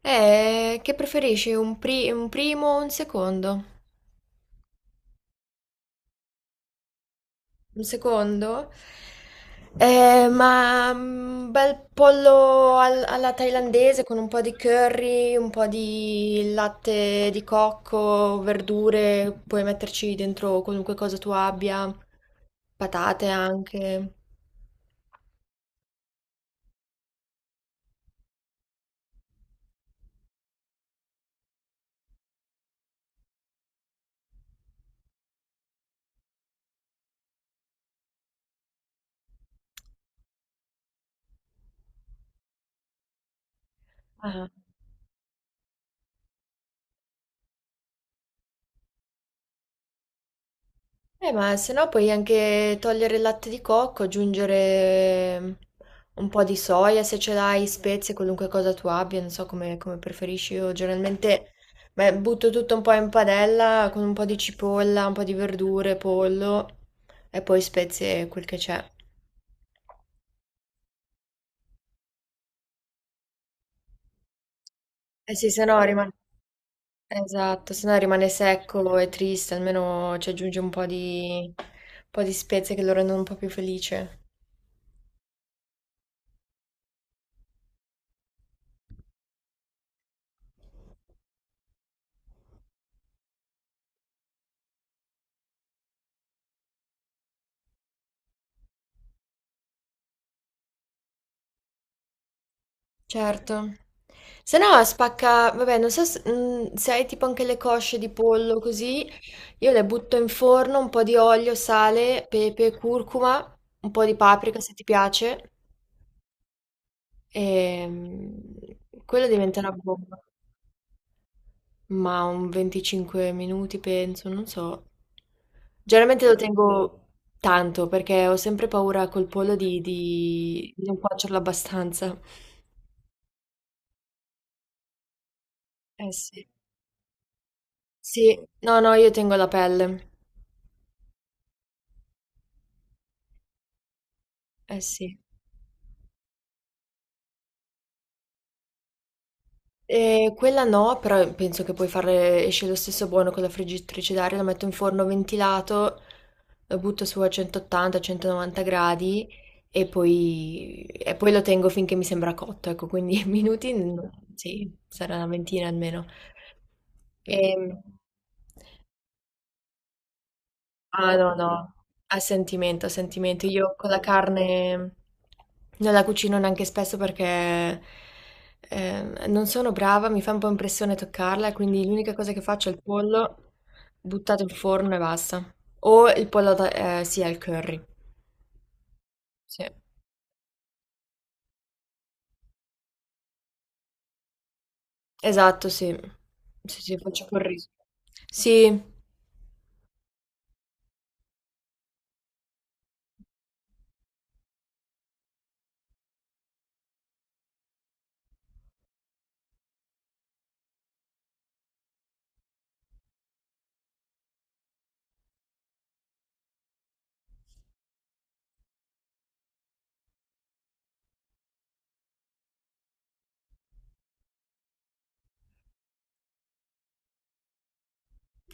Che preferisci, un primo o un secondo? Un secondo? Ma bel alla thailandese con un po' di curry, un po' di latte di cocco, verdure, puoi metterci dentro qualunque cosa tu abbia, patate anche. Ma se no puoi anche togliere il latte di cocco, aggiungere un po' di soia se ce l'hai, spezie, qualunque cosa tu abbia, non so come, come preferisci. Io generalmente beh, butto tutto un po' in padella con un po' di cipolla, un po' di verdure, pollo e poi spezie e quel che c'è. Eh sì, se no rimane... Esatto, se no rimane secco e triste, almeno ci aggiunge un po' di spezie che lo rendono un po' più felice. Certo. Se no spacca, vabbè, non so se, se hai tipo anche le cosce di pollo così, io le butto in forno, un po' di olio, sale, pepe, curcuma, un po' di paprika se ti piace, e quella diventerà bomba. Ma un 25 minuti penso, non so. Generalmente lo tengo tanto perché ho sempre paura col pollo di non cuocerlo abbastanza. Eh sì. Sì, no, no, io tengo la pelle. Eh sì. E quella no, però penso che puoi fare, esce lo stesso buono con la friggitrice d'aria, la metto in forno ventilato, lo butto su a 180-190 gradi e poi lo tengo finché mi sembra cotto, ecco, quindi minuti, no, sì, sarà una ventina almeno. E, Ah no, no, a sentimento, a sentimento. Io con la carne non la cucino neanche spesso perché non sono brava, mi fa un po' impressione toccarla, quindi l'unica cosa che faccio è il pollo buttato in forno e basta. O sì, al curry. Sì. Esatto, sì. Sì, sì, faccio col riso. Sì.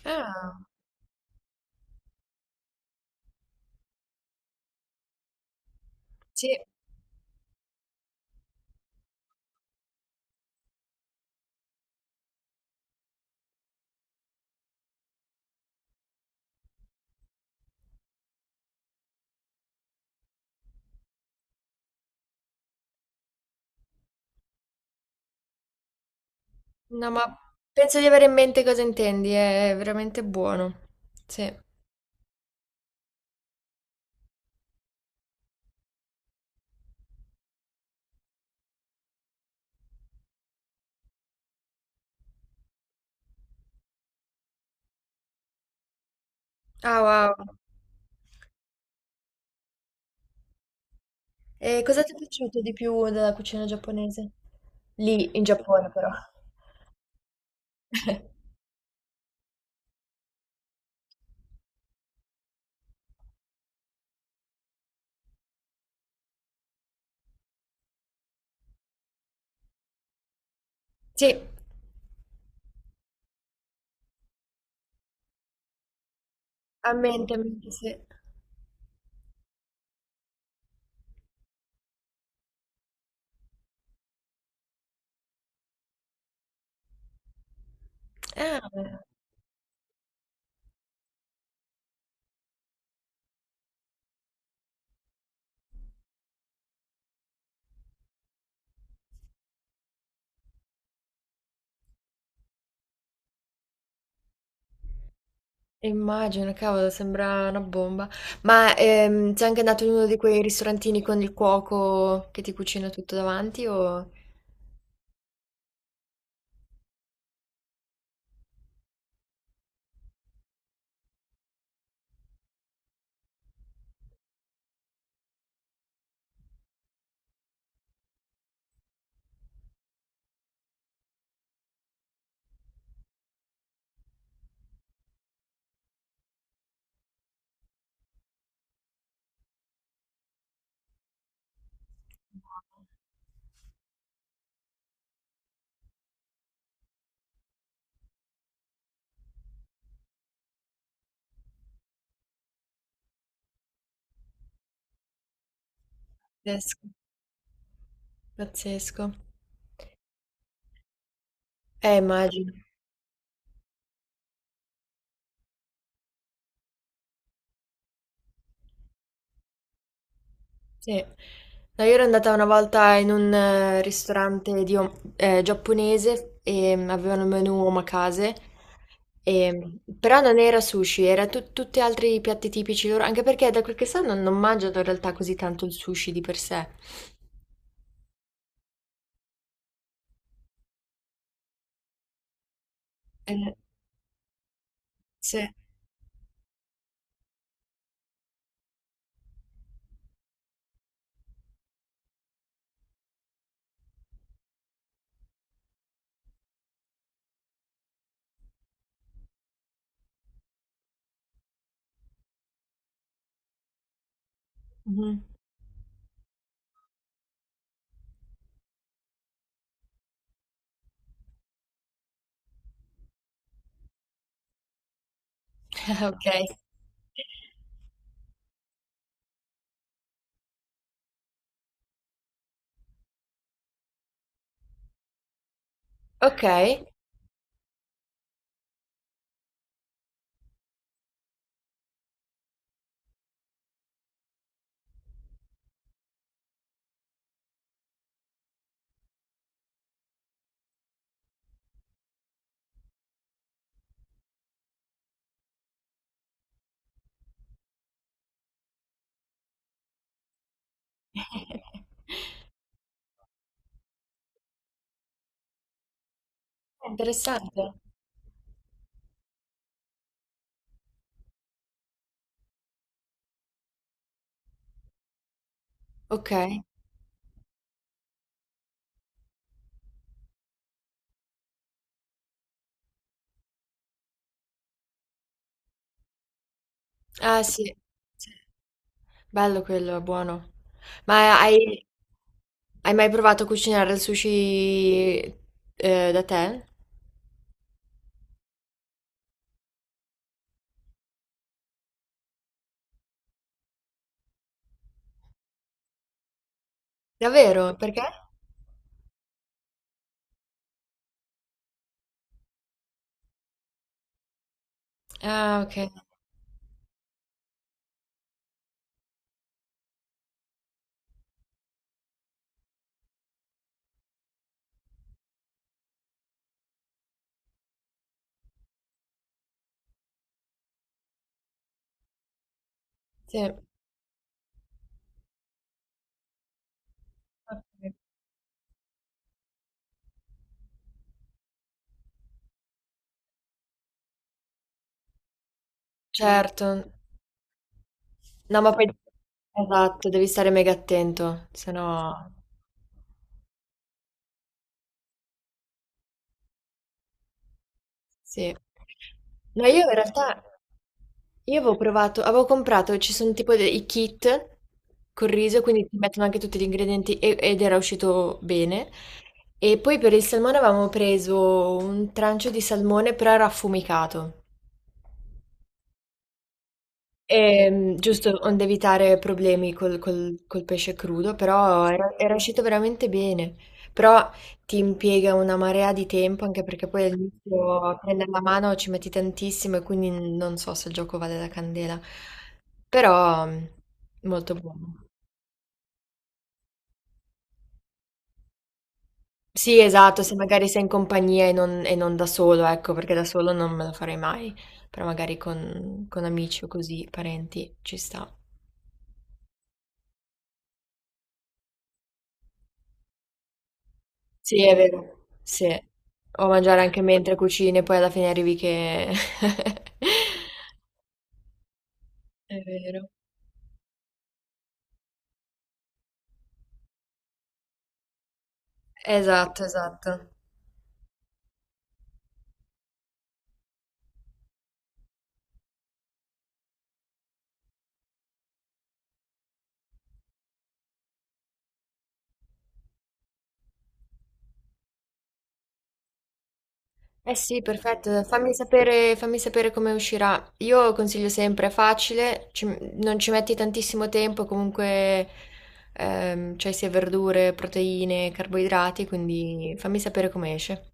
Ah, sì. No, ma penso di avere in mente cosa intendi, è veramente buono. Sì. Ah, wow. E cosa ti è piaciuto di più della cucina giapponese? Lì, in Giappone però. Sì, a mente, sì. Ah, immagino, cavolo, sembra una bomba. Ma sei anche andato in uno di quei ristorantini con il cuoco che ti cucina tutto davanti o... Pazzesco. Pazzesco. Immagino. Sì. No, io ero andata una volta in un ristorante giapponese e avevano il menù omakase, e, però non era sushi, era tutti altri piatti tipici loro, anche perché da quel che so non, non mangiano in realtà così tanto il sushi di per sé. Eh, sì. Mhm. Ok. Ok. Interessante. Ok. Ah, sì. Bello quello, è buono. Ma hai, hai mai provato a cucinare il sushi da te? Davvero? Perché? Ah, ok. Sì. Ok. Certo. No, ma poi... Esatto, devi stare mega attento, se no... Sì. No, io in realtà io avevo provato, avevo comprato, ci sono tipo dei i kit col riso, quindi ti mettono anche tutti gli ingredienti ed era uscito bene. E poi per il salmone avevamo preso un trancio di salmone, però era affumicato. Giusto, onde evitare problemi col pesce crudo, però era, era uscito veramente bene. Però ti impiega una marea di tempo, anche perché poi all'inizio a prendere la mano ci metti tantissimo e quindi non so se il gioco vale la candela. Però molto buono. Sì, esatto, se magari sei in compagnia e non da solo, ecco, perché da solo non me lo farei mai, però magari con amici o così, parenti, ci sta. Sì, è vero. Sì. O mangiare anche mentre cucini e poi alla fine arrivi che... È vero. Esatto, esatto. Eh sì, perfetto. Fammi sapere come uscirà. Io consiglio sempre, è facile, non ci metti tantissimo tempo, comunque c'hai sia verdure, proteine, carboidrati, quindi fammi sapere come esce.